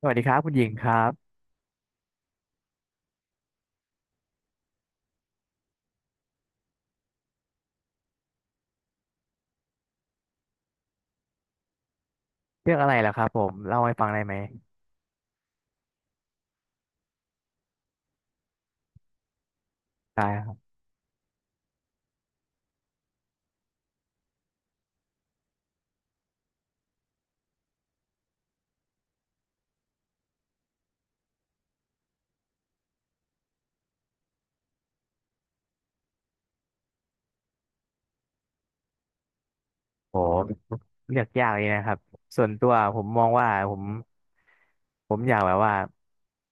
สวัสดีครับคุณหญิงครับเรื่องอะไรล่ะครับผมเล่าให้ฟังได้ไหมได้ครับโอเลือกยากเลยนะครับส่วนตัวผมมองว่าผมอยากแบบว่า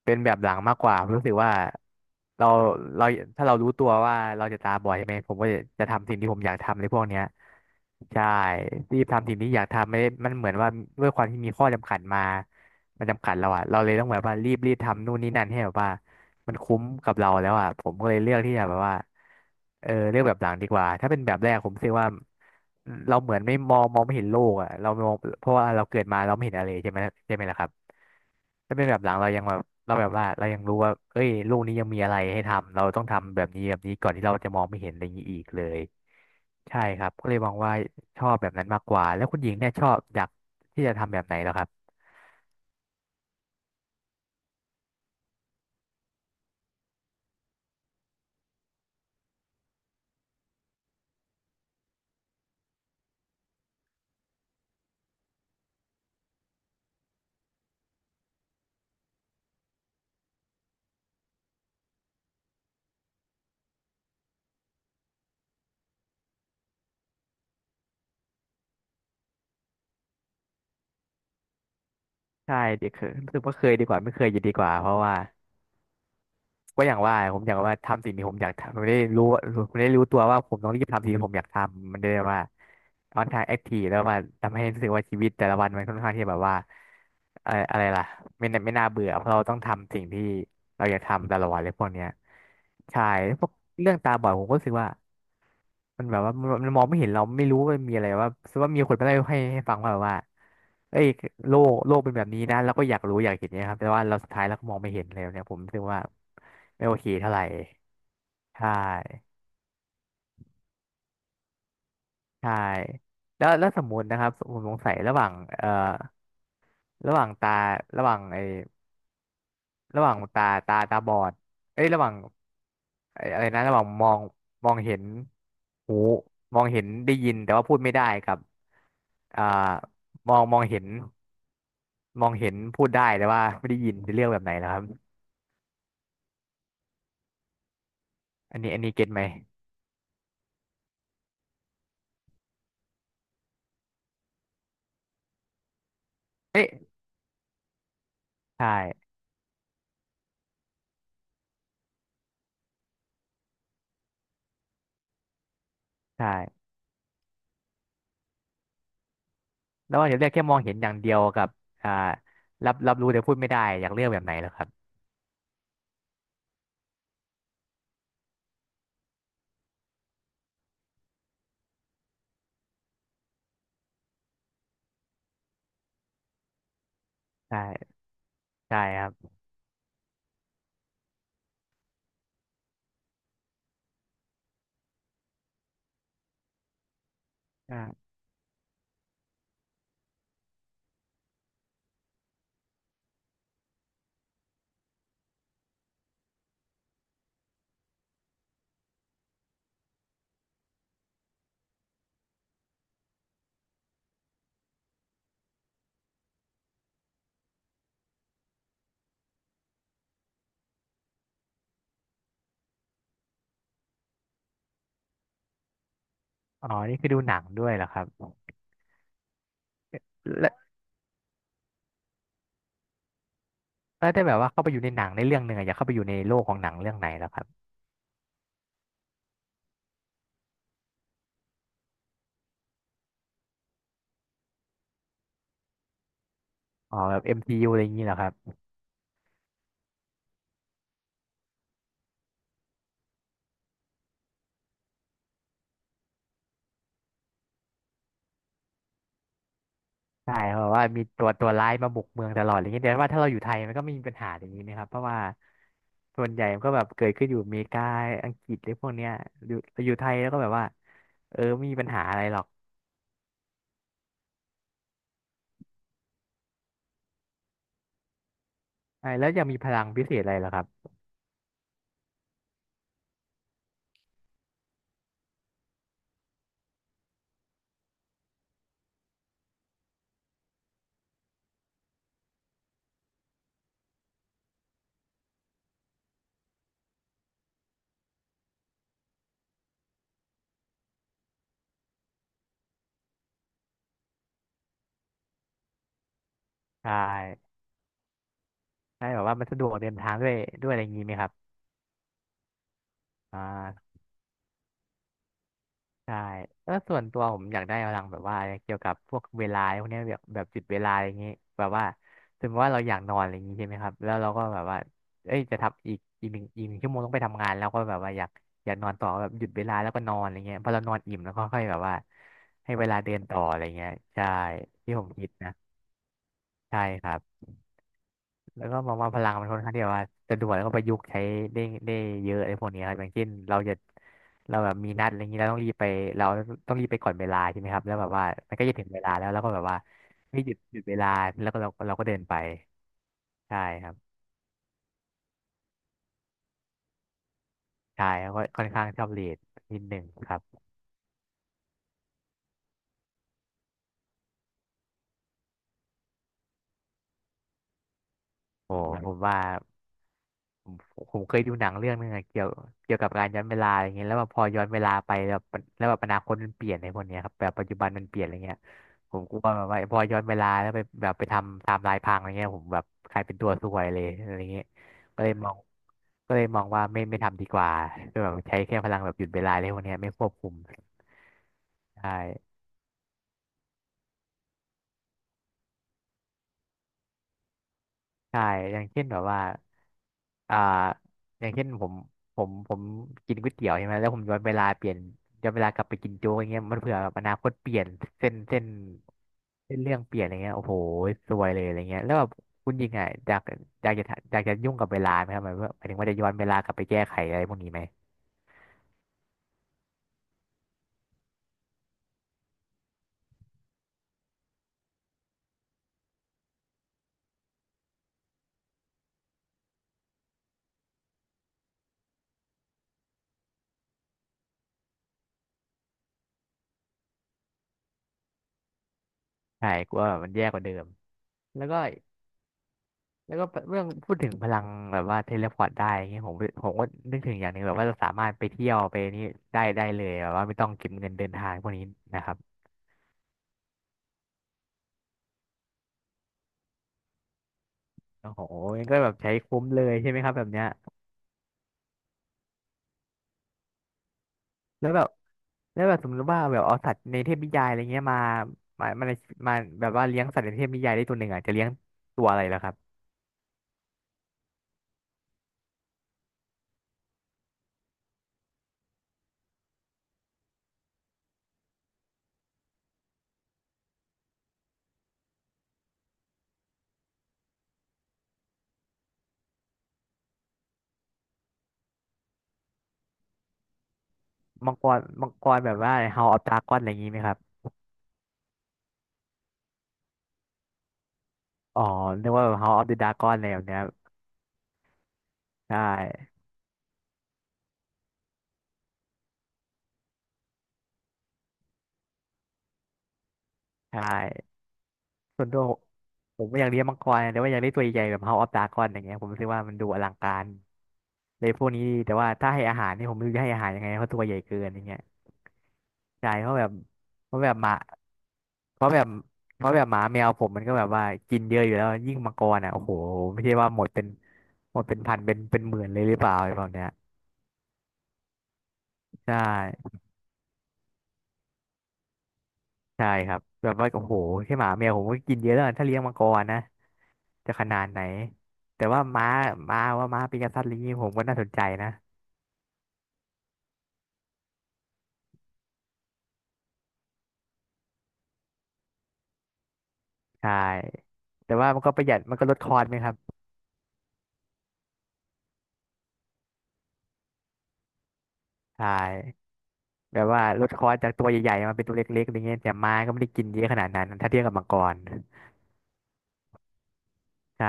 เป็นแบบหลังมากกว่าผมรู้สึกว่าเราเราถ้าเรารู้ตัวว่าเราจะตาบอดใช่ไหมผมก็จะทำสิ่งที่ผมอยากทำในพวกเนี้ยใช่รีบทำสิ่งที่อยากทำไม่ได้มันเหมือนว่าด้วยความที่มีข้อจำกัดมามันจำกัดเราอะเราเลยต้องแบบว่ารีบทำนู่นนี่นั่นให้แบบว่า มันคุ้มกับเราแล้วอ่ะผมก็เลยเลือกที่จะแบบว่าเออเลือกแบบหลังดีกว่าถ้าเป็นแบบแรกผมรู้สึกว่าเราเหมือนไม่มองมองไม่เห็นโลกอ่ะเรามองเพราะว่าเราเกิดมาเราไม่เห็นอะไรใช่ไหมใช่ไหมล่ะครับถ้าเป็นแบบหลังเรายังแบบเราแบบว่าเรายังรู้ว่าเอ้ยโลกนี้ยังมีอะไรให้ทำเราต้องทำแบบนี้แบบนี้ก่อนที่เราจะมองไม่เห็นอะไรอย่างนี้อีกเลยใช่ครับก็เลยมองว่าชอบแบบนั้นมากกว่าแล้วคุณหญิงเนี่ยชอบอยากที่จะทำแบบไหนแล้วครับใช่ดีคือรู้สึกว่าเคยดีกว่าไม่เคยจะดีกว่าเพราะว่า ก็อย่างว่าผมอยากว่าทำสิ่งที่ผมอยากทำผมได้รู้ว่าผมได้รู้ตัวว่าผมต้องรีบทำสิ่งที่ผมอยากทำมันได้ว่าออนทางแอคทีฟแล้วม่าทำให้รู้สึกว่าชีวิตแต่ละวันมันค่อนข้างที่แบบว่าอะไรล่ะไม่น่าเบื่อเพราะเราต้องทำสิ่งที่เราอยากทำแต่ละวันเลยพวกเนี้ยใช่พวกเรื่องตาบอดผมก็รู้สึกว่า มันแบบว่ามันมองไม่เห็นเราไม่รู้ว่ามนมีอะไรว่าสมมติว่ามีคนมาเล่าให้ฟังว่าแบบว่าเอ้ยโลกเป็นแบบนี้นะเราก็อยากรู้อยากเห็นเนี่ยครับแต่ว่าเราสุดท้ายเราก็มองไม่เห็นเลยเนี่ยผมคิดึกว่าไม่โอเคเท่าไหร่ใช่ใช่แล้วแล้วสมมตินะครับผมสงสัยระหว่างเอ่อระหว่างตาระหว่างไอ้ระหว่างตาบอดเอ้ยระหว่างไอ้อะไรนะระหว่างมองมองเห็นหูมองเห็นได้ยินแต่ว่าพูดไม่ได้กับอ่ามองเห็น มองเห็นพูดได้แต่ว่าไม่ได้ยินจะเรียกแบบไหนนะครับอันนี้เก็ตไหมเอ๊ะใช่ใช่แล้วว่าจะเรียกแค่มองเห็นอย่างเดียวกับอ่ารับรู้แต่พูดไม่ได้อยากเรียกแบบไหนเหรอครับใช่ใช่ครับอ่าอ๋อนี่คือดูหนังด้วยเหรอครับแล้วแล้วถ้าแบบว่าเข้าไปอยู่ในหนังในเรื่องหนึ่งอะอยากเข้าไปอยู่ในโลกของหนังเรื่องไหนเหรอครับอ๋อแบบ MCU อมซียูอะไรอย่างนี้เหรอครับ ใช่เพราะว่ามีตัวร้ายมาบุกเมืองตลอดอะไรเงี้ยแต่ว่าถ้าเราอยู่ไทยมันก็ไม่มีปัญหาอย่างนี้นะครับเพราะว่าส่วนใหญ่มันก็แบบเกิดขึ้นอยู่อเมริกาอังกฤษหรือพวกเนี้ยอยู่อยู่ไทยแล้วก็แบบว่าเออไม่มีปัญหาอะไรหรอกใช่แล้วจะมีพลังพิเศษอะไรเหรอครับใช่ใช่แบบว่ามันสะดวกเดินทางด้วยอะไรอย่างนี้ไหมครับอ่า ใช่แล้วส่วนตัวผมอยากได้พลังแบบว่าเกี่ยวกับพวกเวลาพวกเนี้ยแบบแบบจุดเวลาอย่างงี้แบบว่าสมมติว่าเราอยากนอนอะไรอย่างงี้ใช่ไหมครับแล้วเราก็แบบว่าเอ้ยจะทำอีกหนึ่งชั่วโมงต้องไปทำงานแล้วก็แบบว่าอยากอยากนอนต่อแบบหยุดเวลาแล้วก็นอนอะไรเงี้ยพอเรานอนอิ่มแล้วก็ค่อยแบบว่าให้เวลาเดินต่ออะไรเงี้ยใช่ที่ผมคิดนะใช่ครับ แล้วก็มองว่าพลังมันค่อนข้างที่แบบว่าจะด่วนแล้วก็ประยุกต์ใช้ได้ได้เยอะไอ้พวกนี้ครับอย่างเช่นเราจะเราแบบมีนัดอะไรอย่างนี้เราต้องรีบไปเราต้องรีบไปก่อนเวลาใช่ไหมครับแล้วแบบว่ามันก็จะถึงเวลาแล้วแล้วก็แบบว่าไม่หยุดเวลาแล้วก็เราก็เดินไปใช่ครับใช่แล้วก็ค่อนข้างชอบเียนิดหนึ่งครับโอ้ผมว่า ผมผมเคยดูหนังเรื่องนึงอะเกี่ยวกับการย้อนเวลาอะไรเงี้ยแล้วแบบพอย้อนเวลาไปแบบแล้วแบบอนาคตมันเปลี่ยนในพวกเนี้ยครับแบบปัจจุบันมันเปลี่ยนอะไรเงี้ยผมกลัวแบบว่าพอย้อนเวลาแล้วไปแบบไปทำไทม์ไลน์พังอะไรเงี้ยผมแบบกลายเป็นตัวซวยเลยอะไรเงี้ยก็เลยมองก็เลยมองว่าไม่ทำดีกว่าก็แบบใช้แค่พลังแบบหยุดเวลาเลยพวกเนี้ยไม่ควบคุมใช่ ใช่อย่างเช่นแบบว่าอ่าอย่างเช่นผมผมกินก๋วยเตี๋ยวใช่ไหมแล้วผมย้อนเวลาเปลี่ยนย้อนเวลากลับไปกินโจ๊กอย่างเงี้ยมันเผื่อแบบอนาคตเปลี่ยนเส้นเส้นเส้นเรื่องเปลี่ยนอะไรเงี้ยโอ้โหซวยเลยอะไรเงี้ยแล้วแบบคุณยิงอ่ะอยากอยากจะทำอยากจะยุ่งกับเวลาไหมครับหมายว่าหมายถึงว่าจะย้อนเวลากลับไปแก้ไขอะไรพวกนี้ไหมใช่กลัวแบบมันแย่กว่าเดิมแล้วก็ แล้วก็เรื่องพูดถึงพลังแบบว่าเทเลพอร์ตได้อย่างเงี้ยผมก็นึกถึงอย่างหนึ่งแบบว่าเราสามารถไปเที่ยวไปนี่ได้เลยแบบว่าไม่ต้องเก็บเงินเดินทางพวกนี้นะครับโอ้โหงั้นก็แบบใช้คุ้มเลยใช่ไหมครับแบบเนี้ยแล้วแบบแล้วแบบสมมติว่าแบบเอาสัตว์ในเทพนิยายอะไรเงี้ยมามาในมาแบบว่าเลี้ยงสัตว์ในเทพนิยายได้ตัวหนึ่งอ่ะจะเลี้ยงตัวอะไรล่ะครับมังกรแบบว่า House of Dragon อะไรอย่างงี้ไหมครับอ๋อนึกว่าแบบ House of the Dragon อะไรแบบเนี้ยใช่ใช่ ส่วนตัวผมไม่อยากเลี้ยงมังกรนะแต่ว่าอยากได้ตัวใหญ่ๆแบบ House of Dragon อย่างเงี้ยผมรู้สึกว่ามันดูอลังการเลยพวกนี้แต่ว่าถ้าให้อาหารนี่ผมไม่รู้จะให้อาหารยังไงเพราะตัวใหญ่เกินอย่างเงี้ยใช่เพราะแบบเพราะแบบหมาเพราะแบบเพราะแบบหมาแมวผมมันก็แบบว่ากินเยอะอยู่แล้วยิ่งมังกรอ่ะโอ้โหไม่ใช่ว่าหมดเป็นพันเป็นหมื่นเลยหรือเปล่าอะไรแบบเนี้ยใช่ใช่ครับแบบว่าโอ้โหแค่หมาแมวผมก็กินเยอะแล้วถ้าเลี้ยงมังกรนะ จะขนาดไหนแต่ว่าม้าปีกษัตริย์อะไรนี้ผมก็น่าสนใจนะใช่แต่ว่ามันก็ประหยัดมันก็ลดคอร์สไหมครับใช่แบบว่าลดคอร์สจากตัวใหญ่ๆมาเป็นตัวเล็กๆอะไรเงี้ยแต่ม้าก็ไม่ได้กินเยอะขนาดนั้นถ้าเทียบกับมังกรใช่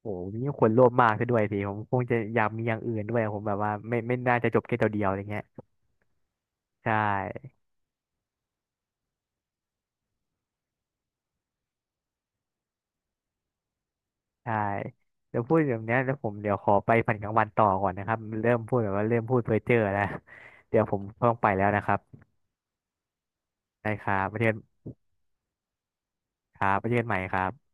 โอ้ยนี่คนโลภมากซะด้วยสิผมคงจะอยากมีอย่างอื่นด้วยผมแบบว่าไม่น่าจะจบแค่ตัวเดียวอะไรเงี้ยใช่ใช่เดี๋ยวพูดแบบเนี้ยแล้วผมเดี๋ยวขอไปฝันกลางวันต่อก่อนนะครับเริ่มพูดแบบว่าเริ่มพูดเพ้อเจ้อแล้วเดี๋ยวผมต้องไปแล้วนะครับได้ครับประเทศ ครับไปเจอกันใหม่ครับ